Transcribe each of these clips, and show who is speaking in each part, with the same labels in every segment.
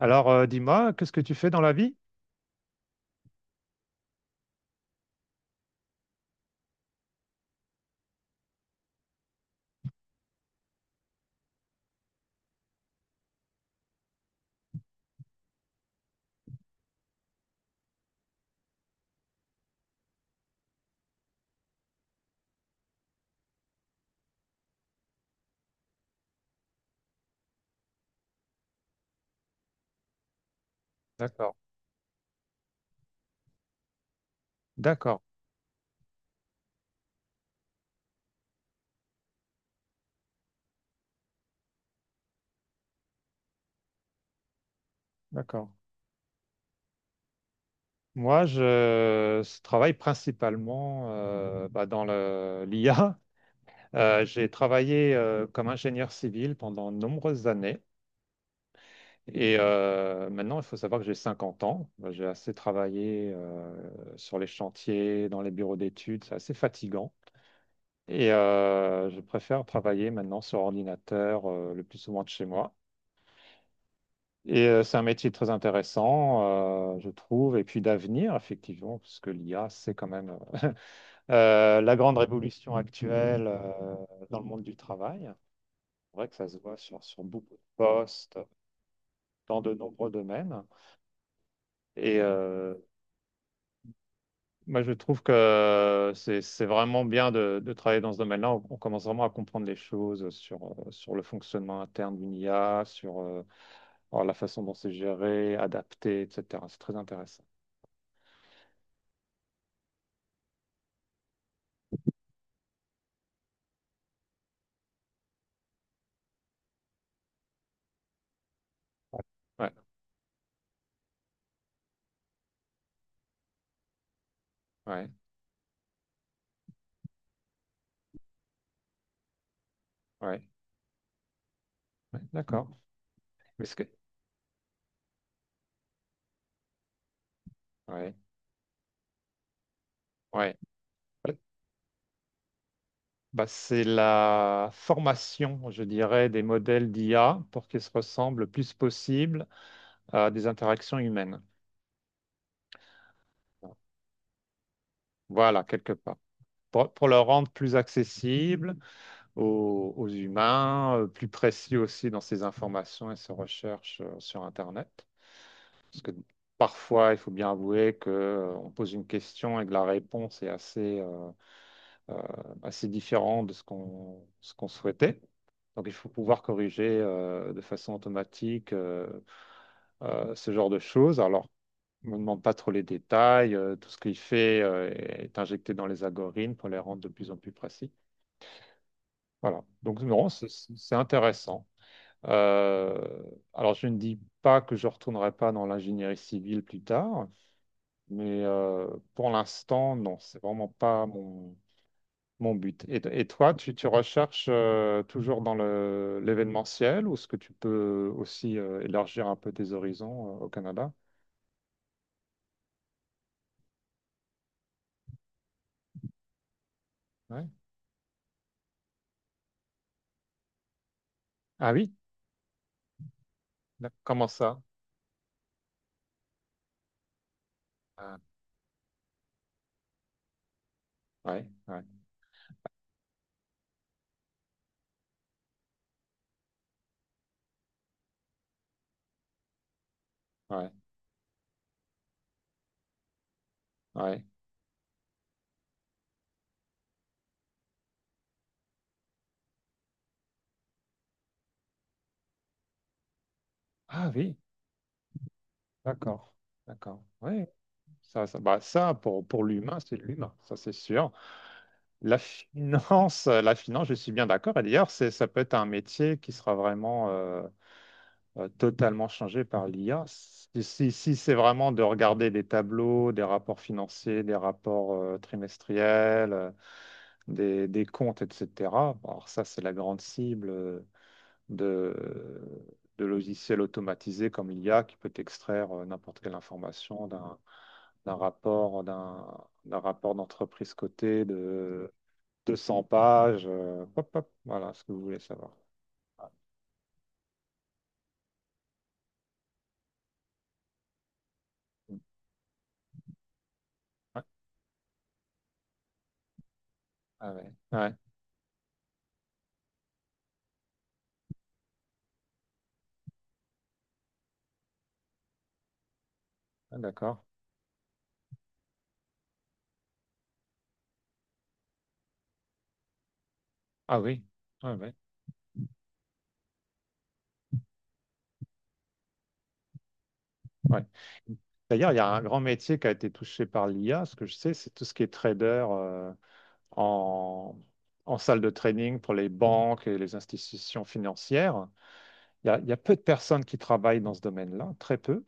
Speaker 1: Alors, dis-moi, qu'est-ce que tu fais dans la vie? D'accord. D'accord, d'accord. Moi, je travaille principalement bah, dans l'IA. J'ai travaillé comme ingénieur civil pendant de nombreuses années. Et maintenant, il faut savoir que j'ai 50 ans. Bah, j'ai assez travaillé sur les chantiers, dans les bureaux d'études. C'est assez fatigant. Et je préfère travailler maintenant sur ordinateur le plus souvent de chez moi. Et c'est un métier très intéressant, je trouve, et puis d'avenir, effectivement, parce que l'IA, c'est quand même la grande révolution actuelle dans le monde du travail. C'est vrai que ça se voit sur beaucoup de postes, dans de nombreux domaines. Et moi, je trouve que c'est vraiment bien de travailler dans ce domaine-là. On commence vraiment à comprendre les choses sur le fonctionnement interne d'une IA, sur alors, la façon dont c'est géré, adapté, etc. C'est très intéressant. Ouais, ouais. Ouais, ouais, d'accord. Mais ce que... Ouais, ouais. Ouais. Bah, c'est la formation, je dirais, des modèles d'IA pour qu'ils se ressemblent le plus possible à des interactions humaines. Voilà, quelque part. Pour le rendre plus accessible aux humains, plus précis aussi dans ses informations et ses recherches sur Internet. Parce que parfois, il faut bien avouer que, on pose une question et que la réponse est assez, euh, assez différente de ce qu'on souhaitait. Donc, il faut pouvoir corriger de façon automatique ce genre de choses. Alors, on ne demande pas trop les détails. Tout ce qu'il fait est injecté dans les algorithmes pour les rendre de plus en plus précis. Voilà. Donc, non, c'est intéressant. Euh, alors, je ne dis pas que je ne retournerai pas dans l'ingénierie civile plus tard, mais pour l'instant, non, c'est vraiment pas mon but. Et toi, tu recherches toujours dans l'événementiel ou est-ce que tu peux aussi élargir un peu tes horizons au Canada? Ouais. Ah oui? Comment ça? Ah, ouais, ouais, ouais, ouais. Ah oui, d'accord, d'accord. Oui, ça, bah, ça pour l'humain, c'est de l'humain, ça c'est sûr. La finance, la finance, je suis bien d'accord. Et d'ailleurs, c'est, ça peut être un métier qui sera vraiment totalement changé par l'IA. Si c'est vraiment de regarder des tableaux, des rapports financiers, des rapports trimestriels, des comptes, etc. Alors ça, c'est la grande cible de, de logiciels automatisés comme l'IA qui peut extraire n'importe quelle information d'un rapport, d'un rapport d'entreprise cotée de 200 pages. Hop, hop, voilà ce que vous voulez savoir. Ouais, ah ouais, ouais, ah, d'accord. Ah oui. Ouais. Ouais. D'ailleurs, il y a un grand métier qui a été touché par l'IA. Ce que je sais, c'est tout ce qui est trader en, en salle de trading pour les banques et les institutions financières. Il y a peu de personnes qui travaillent dans ce domaine-là, très peu,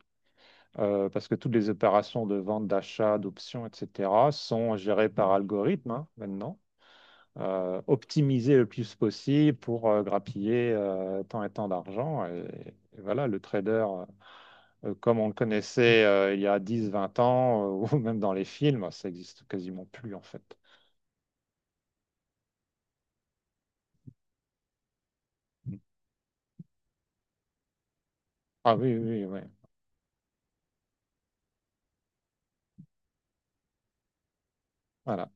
Speaker 1: parce que toutes les opérations de vente, d'achat, d'options, etc., sont gérées par algorithme hein, maintenant, optimisées le plus possible pour grappiller tant et tant d'argent. Et voilà, le trader. Comme on le connaissait il y a 10, 20 ans, ou même dans les films, ça existe quasiment plus en fait. Ah oui, oui, oui, ouais. Voilà.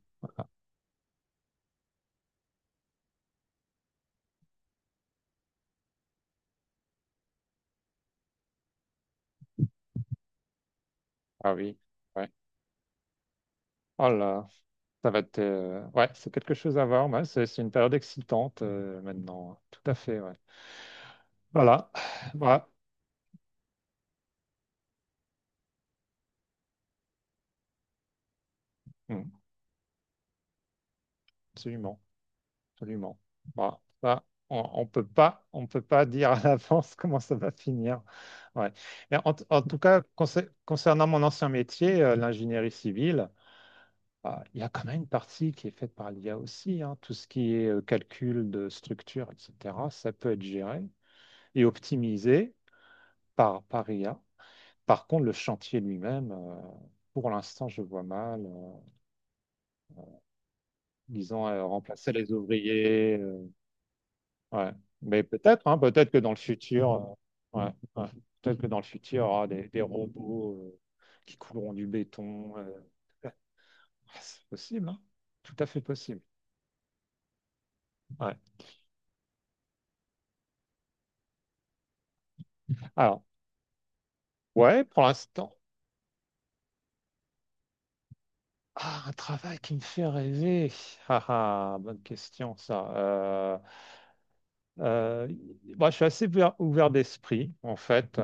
Speaker 1: Ah oui, ouais. Oh là, ça va être... ouais, c'est quelque chose à voir, ouais, c'est une période excitante maintenant, hein. Tout à fait, ouais. Voilà, voilà, mm, absolument, absolument. Voilà. Ça, on peut pas dire à l'avance comment ça va finir. Ouais. Mais en tout cas, concernant mon ancien métier, l'ingénierie civile. Ah, il y a quand même une partie qui est faite par l'IA aussi, hein. Tout ce qui est calcul de structure, etc., ça peut être géré et optimisé par IA. Par contre, le chantier lui-même, pour l'instant, je vois mal, disons, remplacer les ouvriers. Ouais. Mais peut-être, hein, peut-être que dans le futur, ouais, ouais. Peut-être que dans le futur, il y aura des robots qui couleront du béton. Ah, c'est possible, hein. Tout à fait possible. Ouais. Alors, ouais, pour l'instant, ah, un travail qui me fait rêver. Ah, ah, bonne question, ça. Euh, Moi, je suis assez ouvert, ouvert d'esprit, en fait.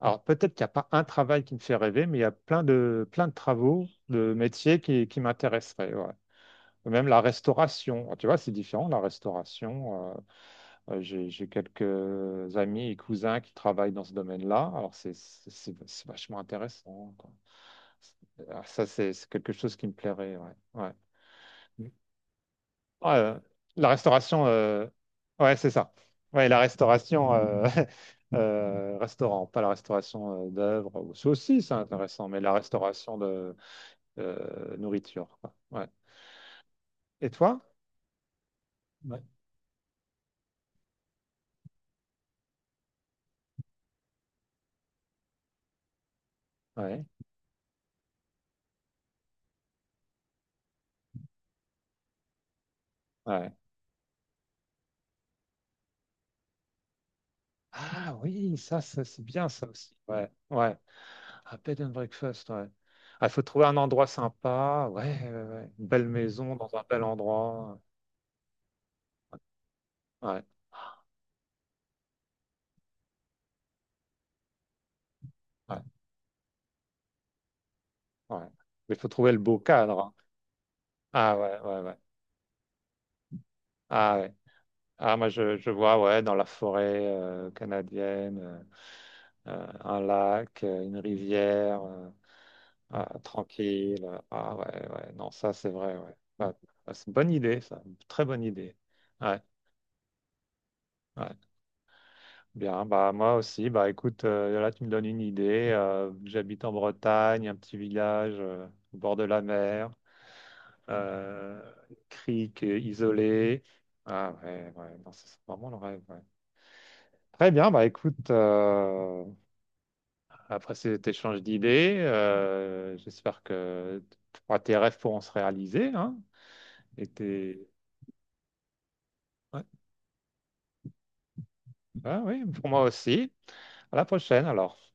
Speaker 1: Alors, peut-être qu'il n'y a pas un travail qui me fait rêver, mais il y a plein de travaux, de métiers qui m'intéresseraient. Ouais. Même la restauration. Tu vois, c'est différent, la restauration. J'ai quelques amis et cousins qui travaillent dans ce domaine-là. Alors, c'est vachement intéressant, quoi. Ah, ça, c'est quelque chose qui me plairait. Ouais. Ouais. Ouais, la restauration, ouais, c'est ça. Ouais, la restauration, restaurant, pas la restauration d'œuvres ou ça aussi, c'est intéressant, mais la restauration de nourriture, quoi. Ouais. Et toi? Ouais. Ouais. Ouais. Ah oui, ça, c'est bien, ça aussi. Ouais, ouais. Ah, bed and breakfast, ouais. Il faut trouver un endroit sympa, ouais, ouais, ouais. Une belle maison dans un bel endroit. Ouais, ouais, ouais. Mais il faut trouver le beau cadre, hein. Ah ouais, ouais, ouais. Ah ouais. Ah, moi je vois ouais dans la forêt canadienne un lac, une rivière ah, tranquille. Ah ouais ouais non ça c'est vrai ouais. Bah, c'est une bonne idée ça, une très bonne idée. Ouais ouais. Bien bah moi aussi bah écoute là tu me donnes une idée. J'habite en Bretagne, un petit village au bord de la mer, euh, crique isolée. Ah ouais ouais non ça, c'est vraiment le rêve. Ouais. Très bien, bah écoute, après cet échange d'idées, j'espère que bah, tes rêves pourront se réaliser, hein, et tes... ouais, ouais, oui, pour moi aussi. À la prochaine alors.